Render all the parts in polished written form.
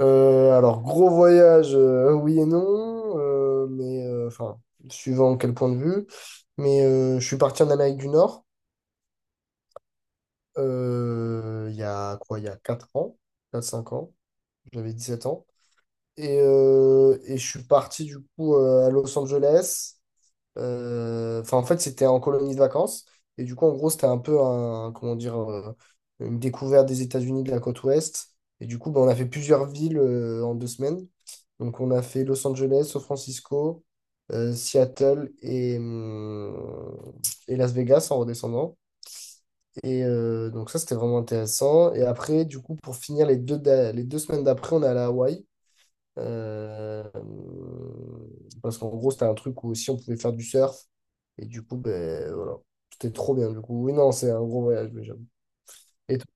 Alors, gros voyage, oui et non, mais enfin, suivant quel point de vue. Mais je suis parti en Amérique du Nord il y a quoi, il y a 4 ans, 4 5 ans, j'avais 17 ans. Et je suis parti du coup à Los Angeles. Enfin, en fait, c'était en colonie de vacances. Et du coup, en gros, c'était un peu un, comment dire, une découverte des États-Unis de la côte ouest. Et du coup, ben, on a fait plusieurs villes en 2 semaines. Donc, on a fait Los Angeles, San Francisco, Seattle et Las Vegas en redescendant. Donc, ça, c'était vraiment intéressant. Et après, du coup, pour finir les 2 semaines d'après, on est allé à Hawaï. Euh, Parce qu'en gros, c'était un truc où aussi on pouvait faire du surf. Et du coup, ben voilà. C'était trop bien. Du coup, oui, non, c'est un gros voyage, mais j'avoue. Et toi.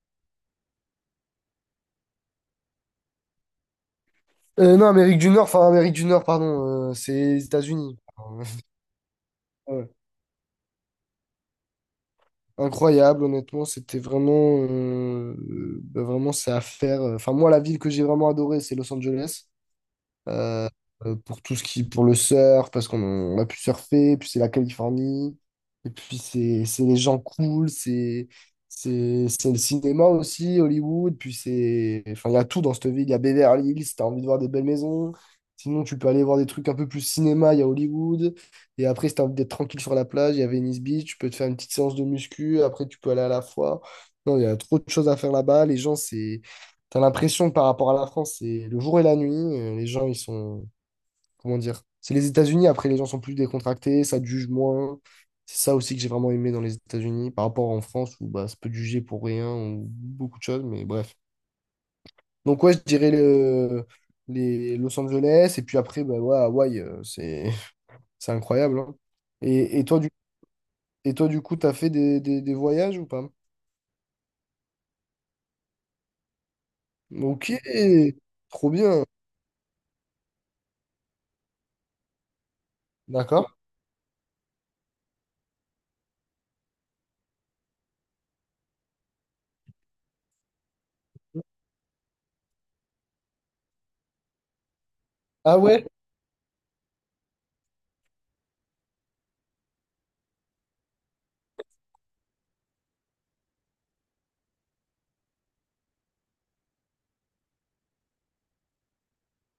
Non, Amérique du Nord, enfin Amérique du Nord, pardon, c'est les États-Unis. Ouais. Incroyable, honnêtement, c'était vraiment, ben, vraiment, c'est à faire. Enfin, moi, la ville que j'ai vraiment adorée, c'est Los Angeles. Euh, pour tout ce qui pour le surf parce qu'on a pu surfer, puis c'est la Californie, et puis c'est les gens cool. C'est le cinéma aussi, Hollywood, puis c'est, enfin, il y a tout dans cette ville. Il y a Beverly Hills si t'as envie de voir des belles maisons, sinon tu peux aller voir des trucs un peu plus cinéma, il y a Hollywood. Et après, si t'as envie d'être tranquille sur la plage, il y a Venice Beach, tu peux te faire une petite séance de muscu, après tu peux aller à la foire. Non, il y a trop de choses à faire là-bas. Les gens, c'est... T'as l'impression que par rapport à la France, c'est le jour et la nuit. Les gens, ils sont, comment dire? C'est les États-Unis, après les gens sont plus décontractés, ça te juge moins. C'est ça aussi que j'ai vraiment aimé dans les États-Unis par rapport en France où bah, ça peut te juger pour rien ou beaucoup de choses, mais bref. Donc ouais, je dirais les Los Angeles et puis après, bah, ouais, Hawaï, c'est c'est incroyable, hein. Et, et toi, du, et toi, du coup, t'as fait des voyages ou pas? Ok, trop bien. D'accord. Ah ouais?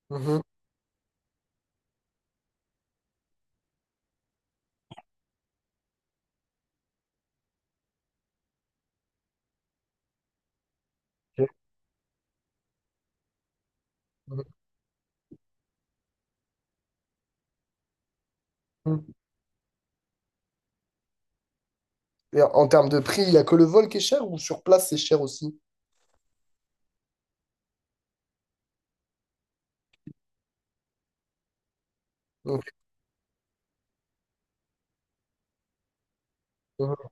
Mhm. Ok. Mhm. Et en termes de prix, il n'y a que le vol qui est cher ou sur place c'est cher aussi? Ok.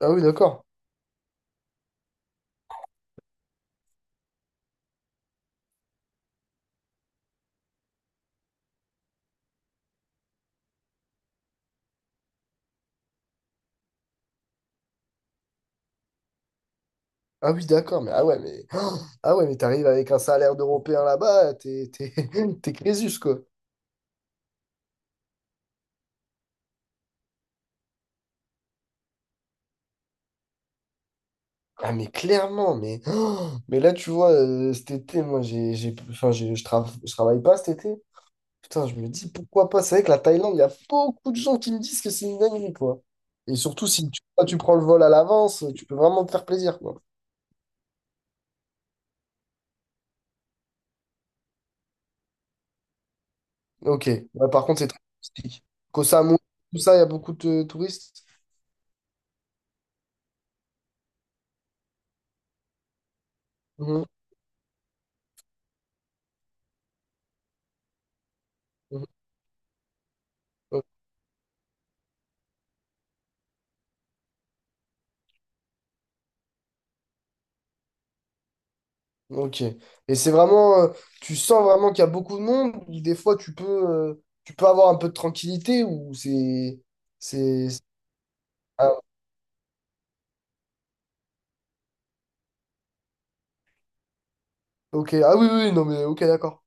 Ah oui, d'accord. Ah oui, d'accord, mais ah ouais, mais ah ouais, mais t'arrives avec un salaire d'Européen là-bas, t'es t'es Crésus, quoi. Ah mais clairement, mais mais là tu vois, cet été, moi j'ai enfin j'ai- je trava- je travaille pas cet été. Putain, je me dis pourquoi pas. C'est vrai que la Thaïlande, il y a beaucoup de gens qui me disent que c'est une dinguerie, quoi. Et surtout si tu prends le vol à l'avance, tu peux vraiment te faire plaisir, quoi. Ok. Ouais, par contre, c'est très touristique. Koh Samui, tout ça, il y a beaucoup de touristes. Mhm. Mhm. Ok. Et c'est vraiment, tu sens vraiment qu'il y a beaucoup de monde, ou des fois tu peux avoir un peu de tranquillité, ou c'est, c'est- ah, ok. Ah oui, oui, oui, non mais ok, d'accord.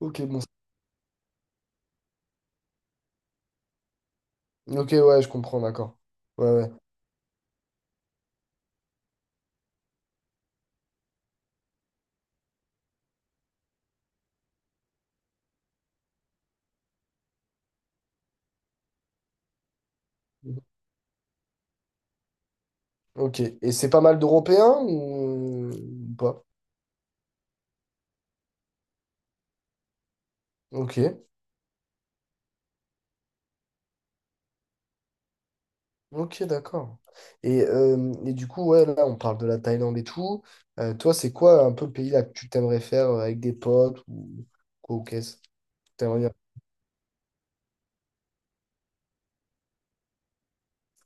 Ok, bon. Ok, ouais, je comprends, d'accord. Ouais, ouais. Ok. Et c'est pas mal d'Européens ou pas? Ok. Ok, d'accord. Et du coup, ouais, là, on parle de la Thaïlande et tout. Toi, c'est quoi un peu le pays là que tu t'aimerais faire avec des potes ou quoi ou qu'est-ce?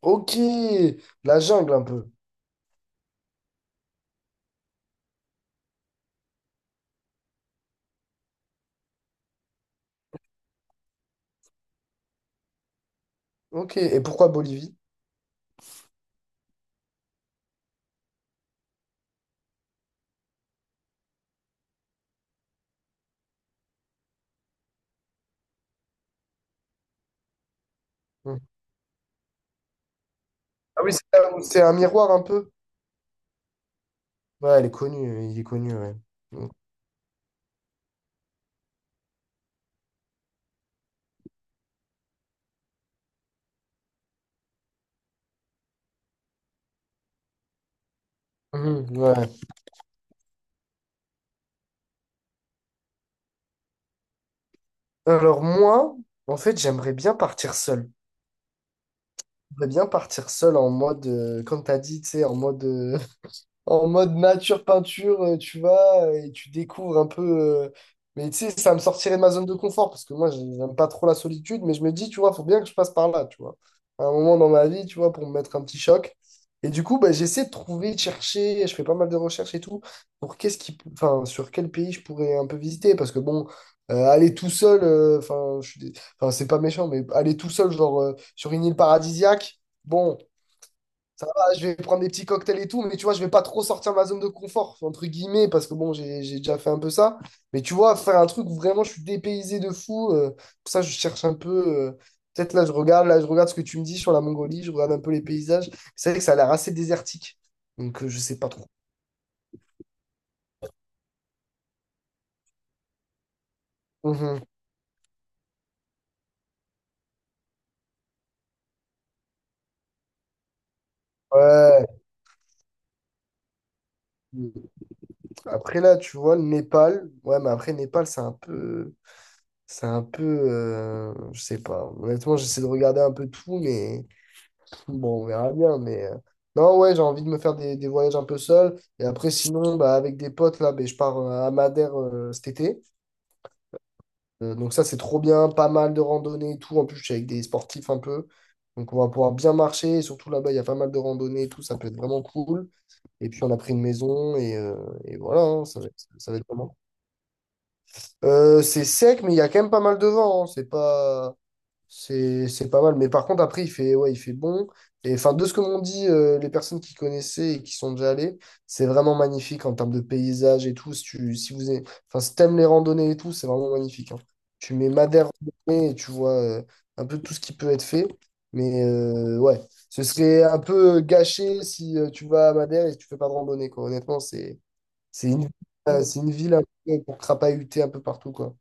Ok, la jungle un peu. Ok, et pourquoi Bolivie? Hmm. Ah oui, c'est là où c'est un miroir un peu. Ouais, elle est connue, il est connu, ouais. Hmm. Mhm, ouais. Alors moi, en fait, j'aimerais bien partir seul. J'aimerais bien partir seul en mode, comme t'as dit, tu sais, en mode nature peinture, tu vas et tu découvres un peu. euh, Mais tu sais, ça me sortirait de ma zone de confort parce que moi, j'aime pas trop la solitude, mais je me dis, tu vois, faut bien que je passe par là, tu vois. À un moment dans ma vie, tu vois, pour me mettre un petit choc. Et du coup, bah, j'essaie de trouver, de chercher, je fais pas mal de recherches et tout, pour qu'est-ce qui, enfin, sur quel pays je pourrais un peu visiter. Parce que bon, aller tout seul, enfin, enfin, c'est pas méchant, mais aller tout seul, genre, sur une île paradisiaque. Bon, ça va, je vais prendre des petits cocktails et tout, mais tu vois, je vais pas trop sortir ma zone de confort, entre guillemets, parce que bon, j'ai déjà fait un peu ça. Mais tu vois, faire un truc où vraiment je suis dépaysé de fou, pour ça, je cherche un peu. euh, Peut-être là, je regarde ce que tu me dis sur la Mongolie, je regarde un peu les paysages. C'est vrai que ça a l'air assez désertique. Donc, je sais pas trop. Mhm. Ouais. Après là, tu vois, le Népal. Ouais, mais après, Népal, c'est un peu. C'est un peu. Je sais pas. Honnêtement, j'essaie de regarder un peu tout, mais. Bon, on verra bien, mais... Non, ouais, j'ai envie de me faire des voyages un peu seul. Et après, sinon, bah, avec des potes, là, ben, je pars à Madère cet été. Donc ça, c'est trop bien, pas mal de randonnées et tout. En plus, je suis avec des sportifs un peu. Donc on va pouvoir bien marcher. Et surtout là-bas, il y a pas mal de randonnées et tout. Ça peut être vraiment cool. Et puis, on a pris une maison et voilà, hein, ça va être vraiment... cool. C'est sec, mais il y a quand même pas mal de vent, hein. C'est pas... C'est pas mal. Mais par contre, après, il fait bon. Et enfin, de ce que m'ont dit les personnes qui connaissaient et qui sont déjà allées, c'est vraiment magnifique en termes de paysage et tout. Si tu, si vous aimez- Enfin, si t'aimes les randonnées et tout, c'est vraiment magnifique, hein. Tu mets Madère randonnée et tu vois un peu tout ce qui peut être fait. Mais ouais, ce serait un peu gâché si tu vas à Madère et tu fais pas de randonnée, quoi. Honnêtement, c'est une, c'est une ville un peu pour crapahuter un peu partout, quoi.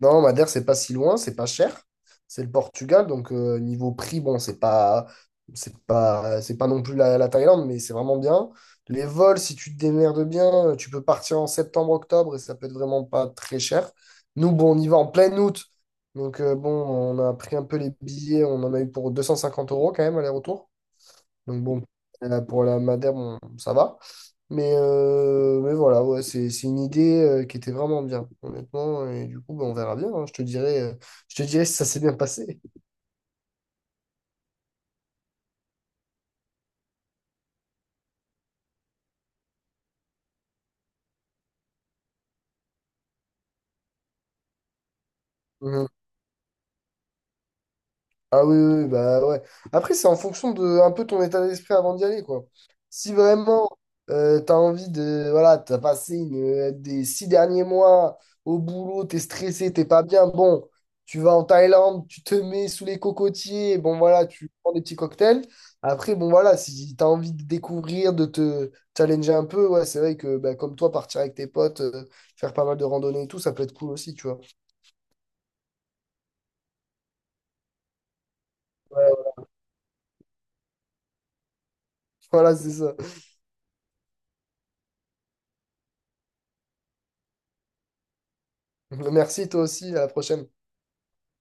Non, Madère, c'est pas si loin, c'est pas cher. C'est le Portugal, donc niveau prix, bon, c'est pas non plus la Thaïlande, mais c'est vraiment bien. Les vols, si tu te démerdes bien, tu peux partir en septembre, octobre et ça peut être vraiment pas très cher. Nous, bon, on y va en plein août, donc bon, on a pris un peu les billets, on en a eu pour 250 euros quand même aller-retour. Donc bon, pour la Madère, bon, ça va. Mais voilà, ouais, c'est une idée qui était vraiment bien, honnêtement. Et du coup, ben, on verra bien, hein. Je te dirai si ça s'est bien passé. Ah oui, oui, oui, bah ouais. Après, c'est en fonction de un peu ton état d'esprit avant d'y aller, quoi. Si vraiment t'as envie de. Voilà, t'as passé des 6 derniers mois au boulot, t'es stressé, t'es pas bien, bon, tu vas en Thaïlande, tu te mets sous les cocotiers, bon voilà, tu prends des petits cocktails. Après, bon voilà, si t'as envie de découvrir, de te challenger un peu, ouais, c'est vrai que bah, comme toi, partir avec tes potes, faire pas mal de randonnées et tout, ça peut être cool aussi, tu vois. Ouais, ouais. Voilà, c'est ça. Merci, toi aussi, à la prochaine.